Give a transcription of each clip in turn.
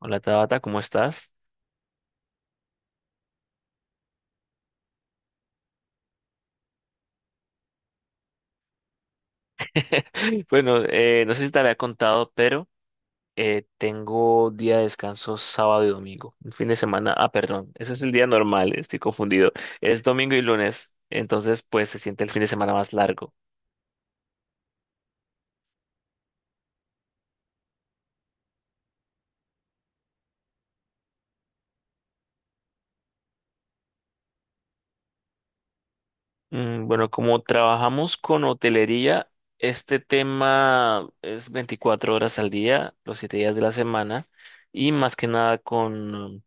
Hola Tabata, ¿cómo estás? Bueno, no sé si te había contado, pero tengo día de descanso sábado y domingo. Un fin de semana, ah, perdón, ese es el día normal, estoy confundido. Es domingo y lunes, entonces pues se siente el fin de semana más largo. Bueno, como trabajamos con hotelería, este tema es 24 horas al día, los 7 días de la semana, y más que nada con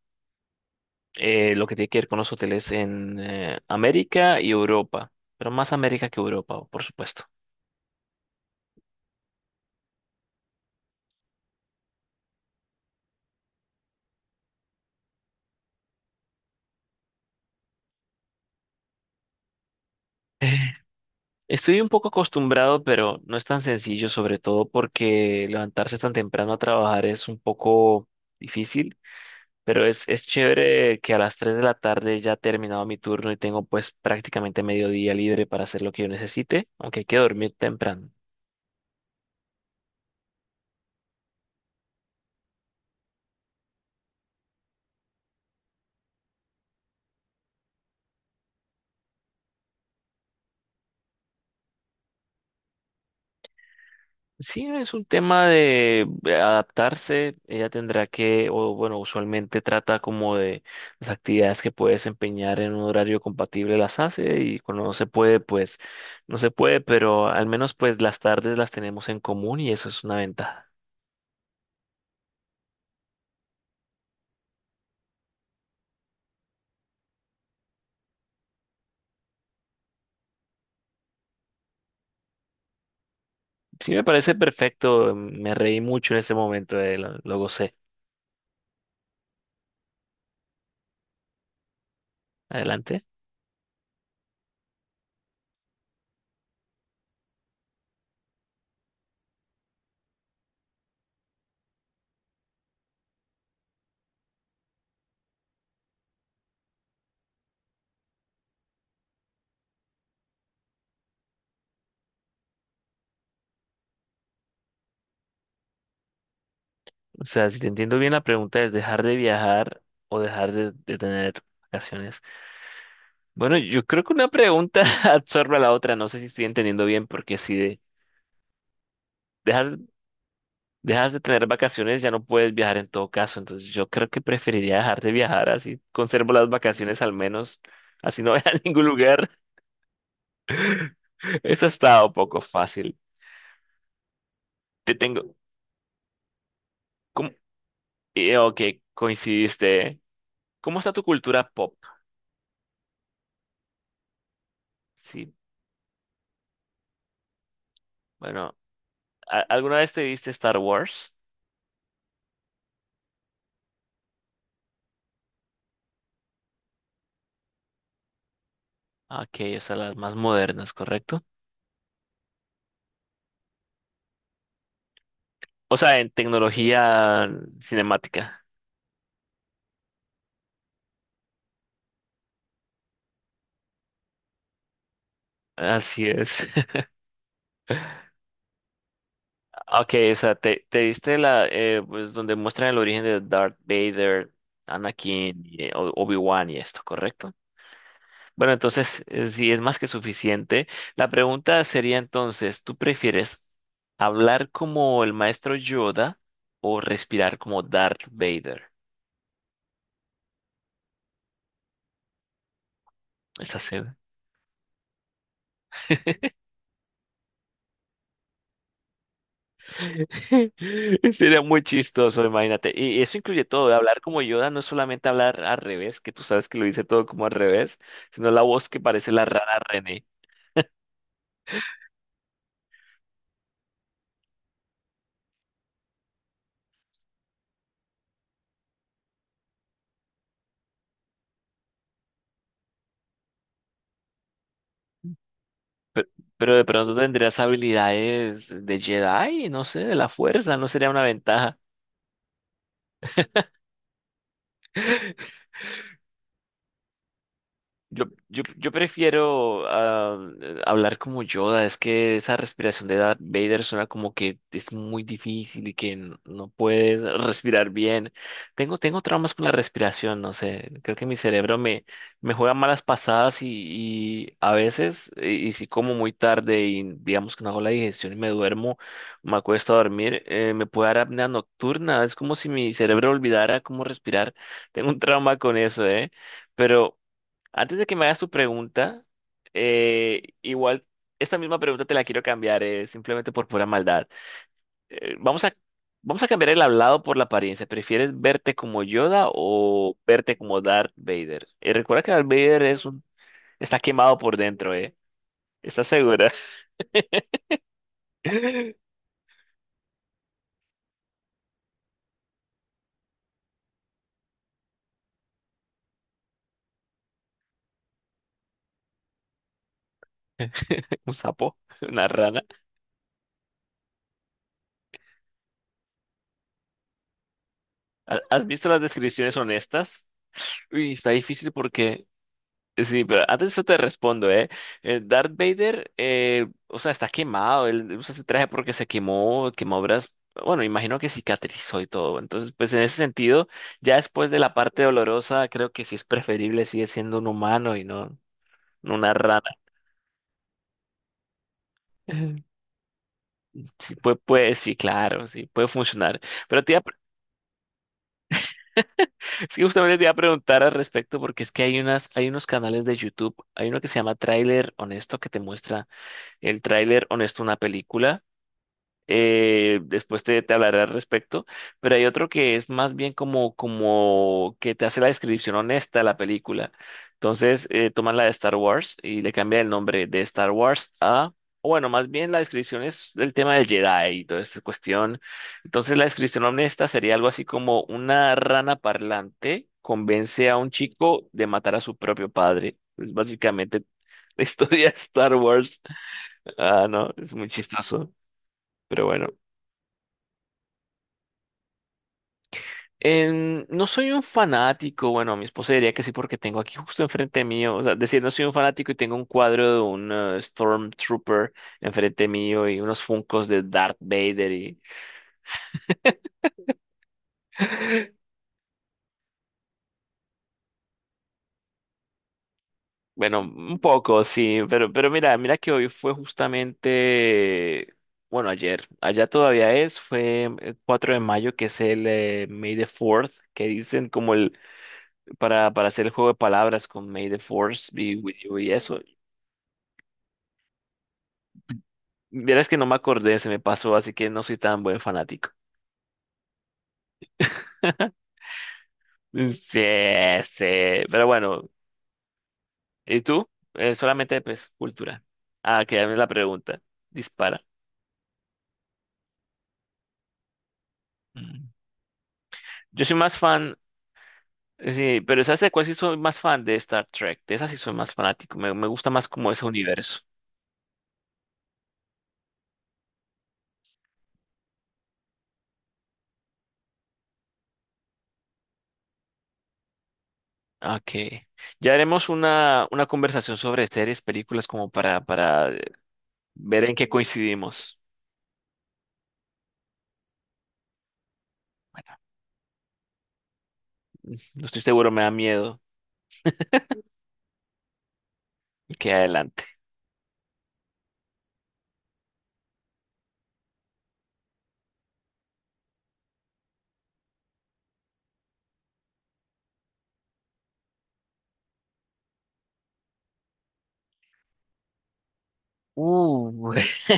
lo que tiene que ver con los hoteles en América y Europa, pero más América que Europa, por supuesto. Eh, Estoy un poco acostumbrado, pero no es tan sencillo, sobre todo porque levantarse tan temprano a trabajar es un poco difícil, pero es chévere que a las 3 de la tarde ya he terminado mi turno y tengo pues prácticamente mediodía libre para hacer lo que yo necesite, aunque hay que dormir temprano. Sí, es un tema de adaptarse. Ella tendrá que, o bueno, usualmente trata como de las actividades que puede desempeñar en un horario compatible las hace y cuando no se puede, pues no se puede, pero al menos pues las tardes las tenemos en común y eso es una ventaja. Sí, me parece perfecto. Me reí mucho en ese momento, lo gocé. Adelante. O sea, si te entiendo bien, la pregunta es dejar de viajar o dejar de tener vacaciones. Bueno, yo creo que una pregunta absorbe a la otra. No sé si estoy entendiendo bien, porque si de- dejas, dejas de tener vacaciones, ya no puedes viajar en todo caso. Entonces, yo creo que preferiría dejar de viajar, así conservo las vacaciones al menos, así no voy a ningún lugar. Eso ha estado poco fácil. Te tengo. ¿Cómo? Ok, coincidiste. ¿Cómo está tu cultura pop? Sí, bueno, ¿alguna vez te viste Star Wars? Ok, o sea, las más modernas, ¿correcto? O sea, en tecnología cinemática. Así es. Ok, o sea, te diste la, pues donde muestran el origen de Darth Vader, Anakin, y, Obi-Wan y esto, ¿correcto? Bueno, entonces, sí, es más que suficiente. La pregunta sería entonces, ¿tú prefieres hablar como el maestro Yoda o respirar como Darth Vader? Esa sería muy chistoso, imagínate. Y eso incluye todo, ¿eh? Hablar como Yoda no es solamente hablar al revés, que tú sabes que lo dice todo como al revés, sino la voz que parece la rara René. Pero, pero de pronto tendrías habilidades de Jedi, no sé, de la fuerza, no sería una ventaja. Yo prefiero hablar como Yoda, es que esa respiración de Darth Vader suena como que es muy difícil y que no puedes respirar bien. Tengo traumas con la respiración, no sé, creo que mi cerebro me juega malas pasadas y a veces, y si como muy tarde y digamos que no hago la digestión y me duermo, me acuesto a dormir, me puede dar apnea nocturna, es como si mi cerebro olvidara cómo respirar. Tengo un trauma con eso, ¿eh? Pero... Antes de que me hagas tu pregunta, igual esta misma pregunta te la quiero cambiar, simplemente por pura maldad. Eh, vamos a, Vamos a cambiar el hablado por la apariencia. ¿Prefieres verte como Yoda o verte como Darth Vader? Y recuerda que Darth Vader es un, está quemado por dentro, ¿eh? ¿Estás segura? ¿Un sapo? ¿Una rana? ¿Has visto las descripciones honestas? Uy, está difícil porque sí, pero antes de eso te respondo, ¿eh? Darth Vader, o sea, está quemado, él usa ese traje porque se quemó, quemó obras, bueno, imagino que cicatrizó y todo, entonces, pues en ese sentido, ya después de la parte dolorosa, creo que sí es preferible, sigue siendo un humano y no, no una rana. Ujú. Sí, puede, puede, sí, claro, sí, puede funcionar. Pero te iba a pre- es que justamente te iba a preguntar al respecto porque es que hay hay unos canales de YouTube, hay uno que se llama Tráiler Honesto que te muestra el tráiler honesto de una película. Te hablaré al respecto, pero hay otro que es más bien como que te hace la descripción honesta de la película. Entonces, toman la de Star Wars y le cambian el nombre de Star Wars a, o bueno, más bien la descripción es del tema del Jedi y toda esta cuestión. Entonces, la descripción honesta sería algo así como una rana parlante convence a un chico de matar a su propio padre. Es básicamente la historia de Star Wars. Ah, no, es muy chistoso, pero bueno. No soy un fanático, bueno, mi esposa diría que sí porque tengo aquí justo enfrente mío, o sea, decir, no soy un fanático y tengo un cuadro de un Stormtrooper enfrente mío y unos Funkos de Darth Vader y bueno, un poco, sí, pero mira, mira que hoy fue justamente, bueno, ayer, allá todavía es, fue el 4 de mayo, que es el May the Fourth que dicen como el, para hacer el juego de palabras con May the Force y eso. Verás que no me acordé, se me pasó, así que no soy tan buen fanático. Sí, sí, pero bueno, ¿y tú? Solamente, pues, cultura. Ah, que dame la pregunta. Dispara. Mm. Yo soy más fan, sí, pero ¿sabes de cuál sí soy más fan? De Star Trek. De esa sí soy más fanático, me gusta más como ese universo. Ah, ok. Ya haremos una conversación sobre series, películas, como para ver en qué coincidimos. Bueno, no estoy seguro, me da miedo. Que adelante. Uh,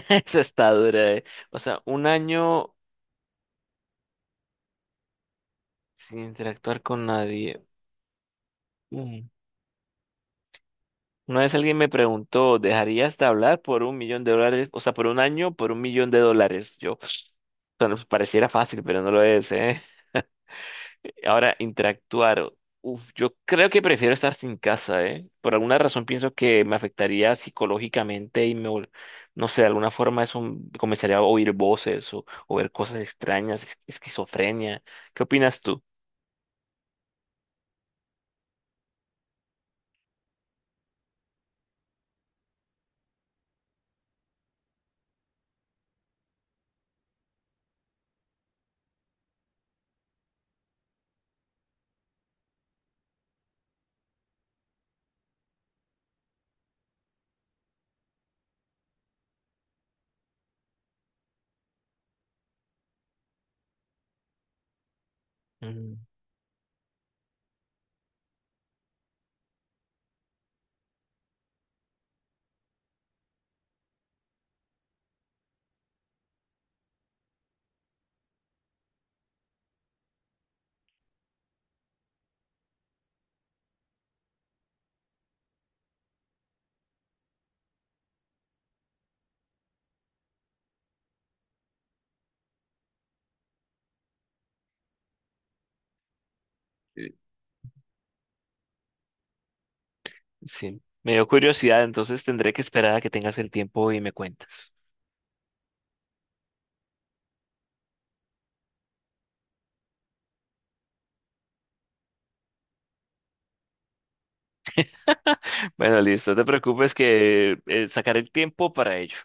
esa está dura, eh. O sea, un año sin interactuar con nadie. Mm. Una vez alguien me preguntó, ¿dejarías de hablar por $1.000.000? O sea, por un año, por $1.000.000. Yo, o sea, nos pareciera fácil, pero no lo es, ¿eh? Ahora, interactuar. Uf, yo creo que prefiero estar sin casa, ¿eh? Por alguna razón pienso que me afectaría psicológicamente no sé, de alguna forma eso comenzaría a oír voces o ver cosas extrañas, esquizofrenia. ¿Qué opinas tú? Mm, eh, Sí, me dio curiosidad, entonces tendré que esperar a que tengas el tiempo y me cuentas. Bueno, listo, no te preocupes que sacaré el tiempo para ello.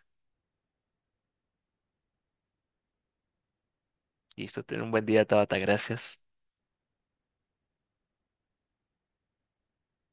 Listo, ten un buen día, Tabata, gracias.